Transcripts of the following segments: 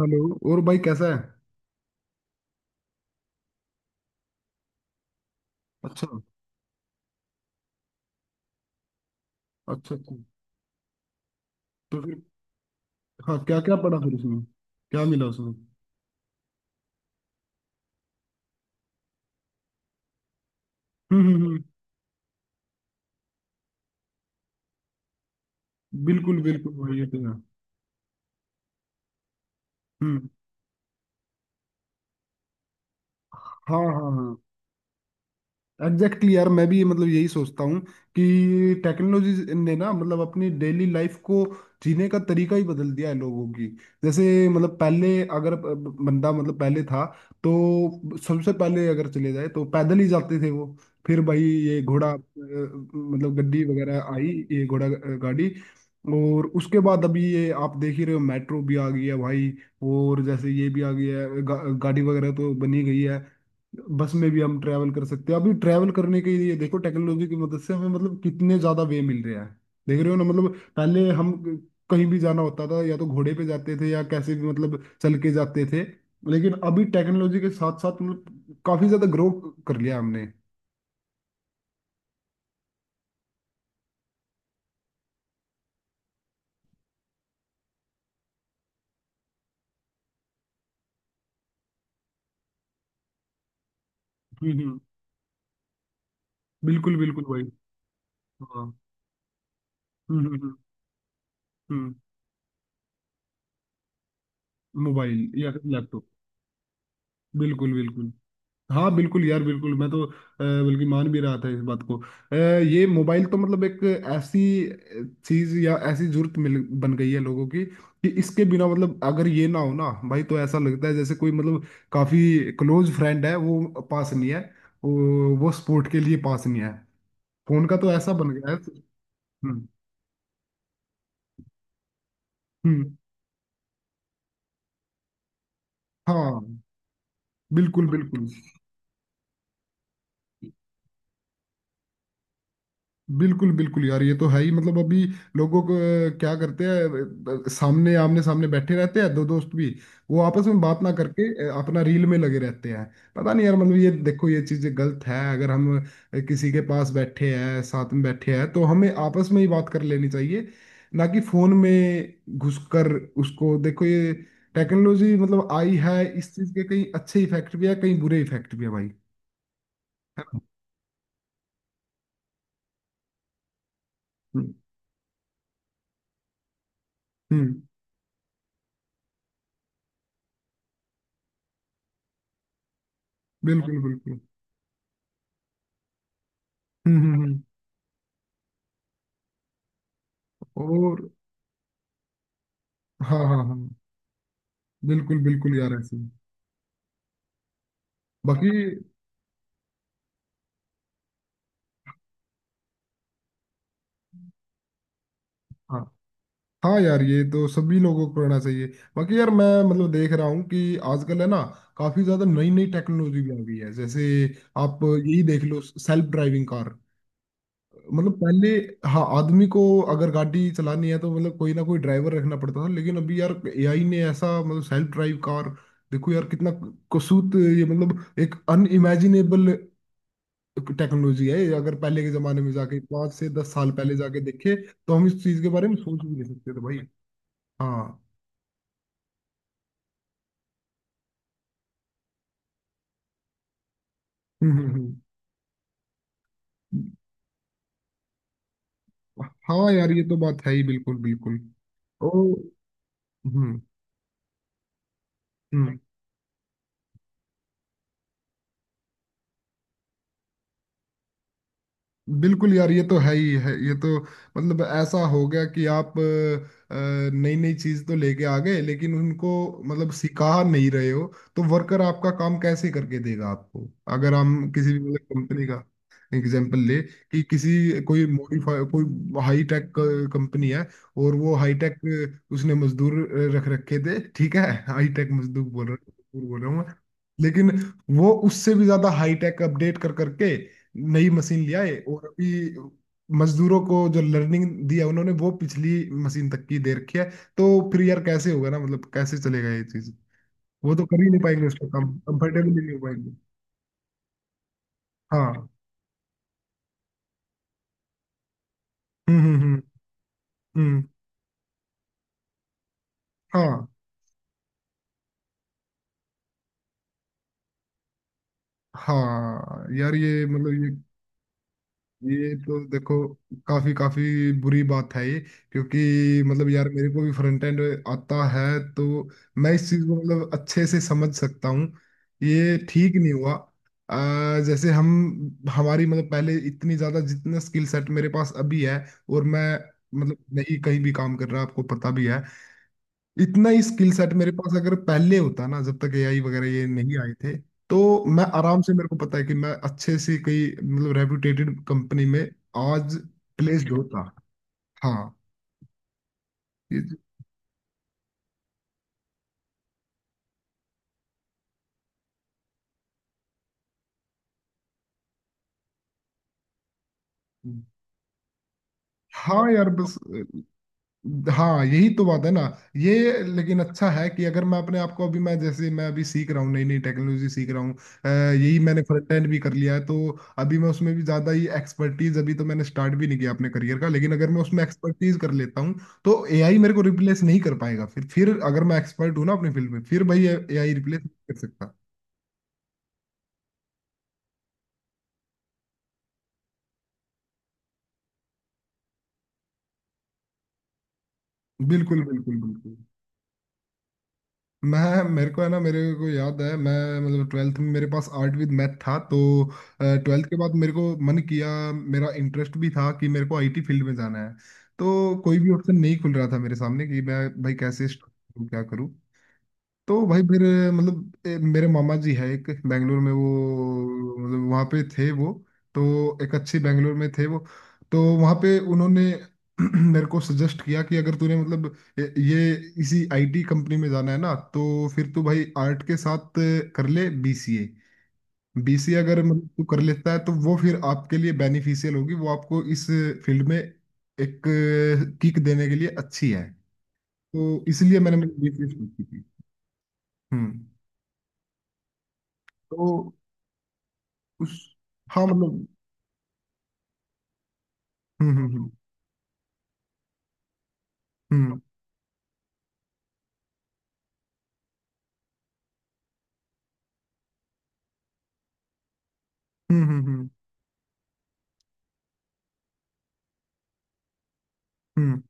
Hello. और भाई, कैसा है? अच्छा। अच्छा अच्छा। तो फिर। हाँ, क्या क्या पढ़ा फिर उसमें? क्या मिला उसमें? हम्म। बिल्कुल बिल्कुल भाई, ये तो है। हम्म। हाँ हाँ हाँ। एग्जैक्टली exactly यार, मैं भी मतलब यही सोचता हूँ कि टेक्नोलॉजी ने ना मतलब अपनी डेली लाइफ को जीने का तरीका ही बदल दिया है लोगों की। जैसे मतलब पहले अगर बंदा मतलब पहले था तो सबसे पहले अगर चले जाए तो पैदल ही जाते थे वो। फिर भाई ये घोड़ा मतलब गड्डी वगैरह आई। ये घोड़ा गाड़ी। और उसके बाद अभी ये आप देख ही रहे हो, मेट्रो भी आ गई है भाई। और जैसे ये भी आ गई है गाड़ी वगैरह तो बनी गई है। बस में भी हम ट्रैवल कर सकते हैं। अभी ट्रैवल करने के लिए देखो, टेक्नोलॉजी की मदद से हमें मतलब कितने ज्यादा वे मिल रहे हैं। देख रहे हो ना? मतलब पहले हम कहीं भी जाना होता था या तो घोड़े पे जाते थे या कैसे भी मतलब चल के जाते थे। लेकिन अभी टेक्नोलॉजी के साथ साथ मतलब काफी ज्यादा ग्रो कर लिया हमने। हम्म। बिल्कुल बिल्कुल भाई। हाँ। हम्म। हम्म। मोबाइल या फिर लैपटॉप। बिल्कुल बिल्कुल। हाँ बिल्कुल यार बिल्कुल। मैं तो बल्कि मान भी रहा था इस बात को। ये मोबाइल तो मतलब एक ऐसी चीज या ऐसी जरूरत मिल बन गई है लोगों की कि इसके बिना मतलब अगर ये ना हो ना भाई तो ऐसा लगता है जैसे कोई मतलब काफी क्लोज फ्रेंड है, वो पास नहीं है। वो सपोर्ट के लिए पास नहीं है। फोन का तो ऐसा बन गया है। हम्म हम्म। हाँ। बिल्कुल बिल्कुल। बिल्कुल बिल्कुल यार ये तो है ही। मतलब अभी लोगों को क्या करते हैं सामने आमने सामने बैठे रहते हैं दो दोस्त भी, वो आपस में बात ना करके अपना रील में लगे रहते हैं। पता नहीं यार मतलब, ये देखो, ये चीज़ गलत है। अगर हम किसी के पास बैठे हैं, साथ में बैठे हैं तो हमें आपस में ही बात कर लेनी चाहिए, ना कि फोन में घुसकर उसको देखो। ये टेक्नोलॉजी मतलब आई है, इस चीज़ के कहीं अच्छे इफेक्ट भी है कहीं बुरे इफेक्ट भी है भाई। है ना? हम्म हम्म। बिल्कुल बिल्कुल। हम्म हम्म हम्म। और। हाँ हाँ हाँ। बिल्कुल बिल्कुल यार, ऐसे ही बाकी। हाँ हाँ यार, ये तो सभी लोगों को करना चाहिए। बाकी यार मैं मतलब देख रहा हूँ कि आजकल है ना, काफी ज्यादा नई नई टेक्नोलॉजी भी आ गई है। जैसे आप यही देख लो, सेल्फ ड्राइविंग कार। मतलब पहले। हाँ। आदमी को अगर गाड़ी चलानी है तो मतलब कोई ना कोई ड्राइवर रखना पड़ता था, लेकिन अभी यार एआई ने ऐसा मतलब सेल्फ ड्राइव कार। देखो यार कितना कसूत ये, मतलब एक अनइमेजिनेबल टेक्नोलॉजी है। अगर पहले के जमाने में जाके 5 से 10 साल पहले जाके देखे तो हम इस चीज के बारे में सोच भी नहीं सकते थे भाई। हाँ। हम्म हम्म हम्म। हाँ यार ये तो बात है ही। बिल्कुल बिल्कुल। ओ। हम्म हम्म। बिल्कुल यार ये तो है ही है ये तो। मतलब ऐसा हो गया कि आप नई नई चीज तो लेके आ गए लेकिन उनको मतलब सिखा नहीं रहे हो। तो वर्कर आपका काम कैसे करके देगा आपको? अगर हम किसी भी मतलब कंपनी का एग्जाम्पल ले कि किसी कोई मॉडिफाई कोई हाई टेक कंपनी है और वो हाई टेक उसने मजदूर रख रखे थे, ठीक है हाई टेक मजदूर, बोल रहा मजदूर बोल रहा हूँ मैं। लेकिन वो उससे भी ज्यादा हाई टेक अपडेट कर करके नई मशीन ले आए और अभी मजदूरों को जो लर्निंग दिया उन्होंने वो पिछली मशीन तक की दे रखी है। तो फिर यार कैसे होगा ना, मतलब कैसे चलेगा ये चीज। वो तो कर ही नहीं पाएंगे, उसका काम कंफर्टेबल नहीं हो पाएंगे। हाँ। हम्म। हम्म। हाँ हाँ यार ये मतलब ये तो देखो काफी काफी बुरी बात है ये। क्योंकि मतलब यार मेरे को भी फ्रंट एंड आता है, तो मैं इस चीज को मतलब अच्छे से समझ सकता हूँ। ये ठीक नहीं हुआ। जैसे हम हमारी मतलब पहले इतनी ज्यादा जितना स्किल सेट मेरे पास अभी है और मैं मतलब नहीं कहीं भी काम कर रहा, आपको पता भी है। इतना ही स्किल सेट मेरे पास अगर पहले होता ना जब तक एआई वगैरह ये नहीं आए थे तो मैं आराम से, मेरे को पता है कि मैं अच्छे से कई मतलब रेपुटेटेड कंपनी में आज प्लेस्ड होता। हाँ। ये- हाँ यार बस। हाँ यही तो बात है ना। ये लेकिन अच्छा है कि अगर मैं अपने आप को अभी मैं जैसे मैं अभी सीख रहा हूँ, नई नई टेक्नोलॉजी सीख रहा हूँ। यही मैंने फ्रंट एंड भी कर लिया है, तो अभी मैं उसमें भी ज़्यादा ही एक्सपर्टीज, अभी तो मैंने स्टार्ट भी नहीं किया अपने करियर का, लेकिन अगर मैं उसमें एक्सपर्टीज कर लेता हूँ तो एआई मेरे को रिप्लेस नहीं कर पाएगा। फिर अगर मैं एक्सपर्ट हूँ ना अपनी फील्ड में, फिर भाई एआई रिप्लेस नहीं कर सकता। बिल्कुल बिल्कुल बिल्कुल। मैं मेरे को है ना, मेरे को याद है। मैं मतलब 12th में मेरे पास आर्ट विद मैथ था, तो 12th के बाद मेरे को मन किया, मेरा इंटरेस्ट भी था कि मेरे को आईटी फील्ड में जाना है। तो कोई भी ऑप्शन नहीं खुल रहा था मेरे सामने कि मैं भाई कैसे start करूं, क्या करूं। तो भाई फिर मतलब मेरे मामा जी है एक बेंगलोर में, वो मतलब वहाँ पे थे वो। तो एक अच्छी बेंगलोर में थे वो। तो वहाँ पे उन्होंने मेरे को सजेस्ट किया कि अगर तूने मतलब ये इसी आईटी कंपनी में जाना है ना तो फिर तू भाई आर्ट के साथ कर ले बीसीए। बीसीए अगर मतलब तू कर लेता है तो वो फिर आपके लिए बेनिफिशियल होगी, वो आपको इस फील्ड में एक किक देने के लिए अच्छी है। तो इसलिए मैंने बीसीए की थी। हम्म। तो उस। हाँ मतलब। हम्म हम्म हम्म। हम्म। हम्म।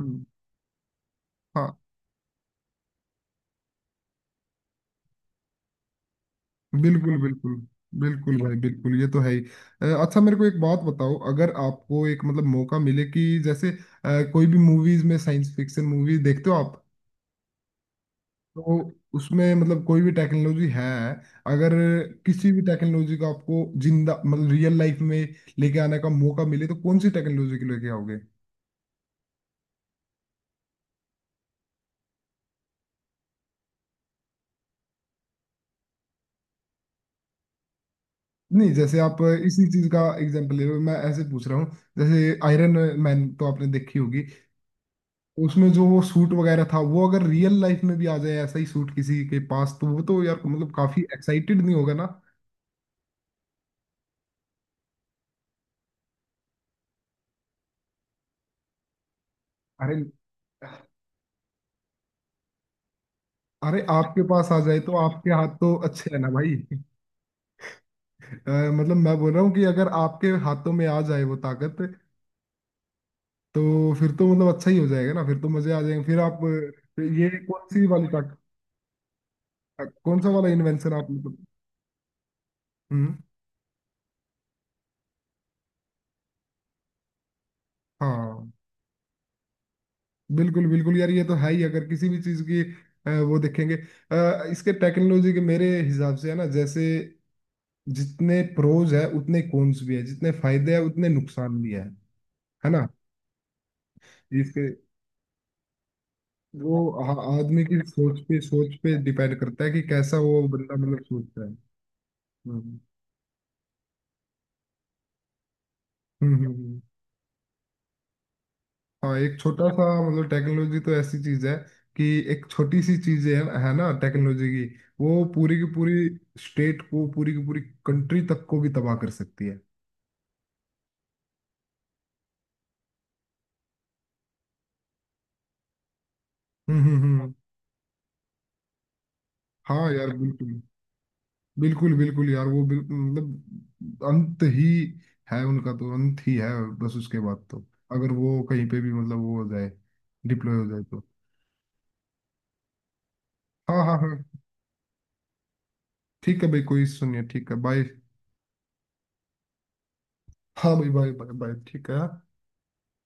हम्म। हाँ। बिल्कुल बिल्कुल। बिल्कुल भाई बिल्कुल, ये तो है ही। अच्छा मेरे को एक बात बताओ, अगर आपको एक मतलब मौका मिले कि जैसे कोई भी मूवीज में, साइंस फिक्शन मूवीज देखते हो आप, तो उसमें मतलब कोई भी टेक्नोलॉजी है, अगर किसी भी टेक्नोलॉजी का आपको जिंदा मतलब रियल लाइफ में लेके आने का मौका मिले तो कौन सी टेक्नोलॉजी को लेके आओगे? नहीं जैसे आप इसी चीज का एग्जांपल ले रहे हो, मैं ऐसे पूछ रहा हूँ, जैसे आयरन मैन तो आपने देखी होगी, उसमें जो वो सूट वगैरह था, वो अगर रियल लाइफ में भी आ जाए, ऐसा ही सूट किसी के पास, तो वो तो यार मतलब काफी एक्साइटेड नहीं होगा ना? अरे अरे आपके पास आ जाए तो आपके हाथ तो अच्छे है ना भाई अ, मतलब मैं बोल रहा हूँ कि अगर आपके हाथों में आ जाए वो ताकत, तो फिर तो मतलब अच्छा ही हो जाएगा ना, फिर तो मजे आ जाएंगे। फिर आप ये कौन सी वाली ताकत कौन सा वाला इन्वेंशन आप मतलब। हम्म। हाँ बिल्कुल बिल्कुल यार, ये तो है ही। अगर किसी भी चीज की वो देखेंगे इसके टेक्नोलॉजी के मेरे हिसाब से है ना, जैसे जितने प्रोज है उतने कॉन्स भी है, जितने फायदे हैं उतने नुकसान भी है। है ना? इसके वो आ- आदमी की सोच पे डिपेंड करता है कि कैसा वो बंदा मतलब सोचता है। हम्म हम्म। हम्म। हम्म। हाँ एक छोटा सा मतलब टेक्नोलॉजी तो ऐसी चीज है कि एक छोटी सी चीज है ना टेक्नोलॉजी की, वो पूरी की पूरी स्टेट को पूरी की पूरी कंट्री तक को भी तबाह कर सकती है। हम्म। हाँ यार बिल्कुल। बिल्कुल बिल्कुल यार वो मतलब अंत ही है उनका, तो अंत ही है बस उसके बाद तो। अगर वो कहीं पे भी मतलब वो हो जाए, डिप्लॉय हो जाए तो। हाँ हाँ हाँ। ठीक है भाई, कोई सुनिए ठीक है बाय। हाँ भाई, बाय बाय बाय ठीक है।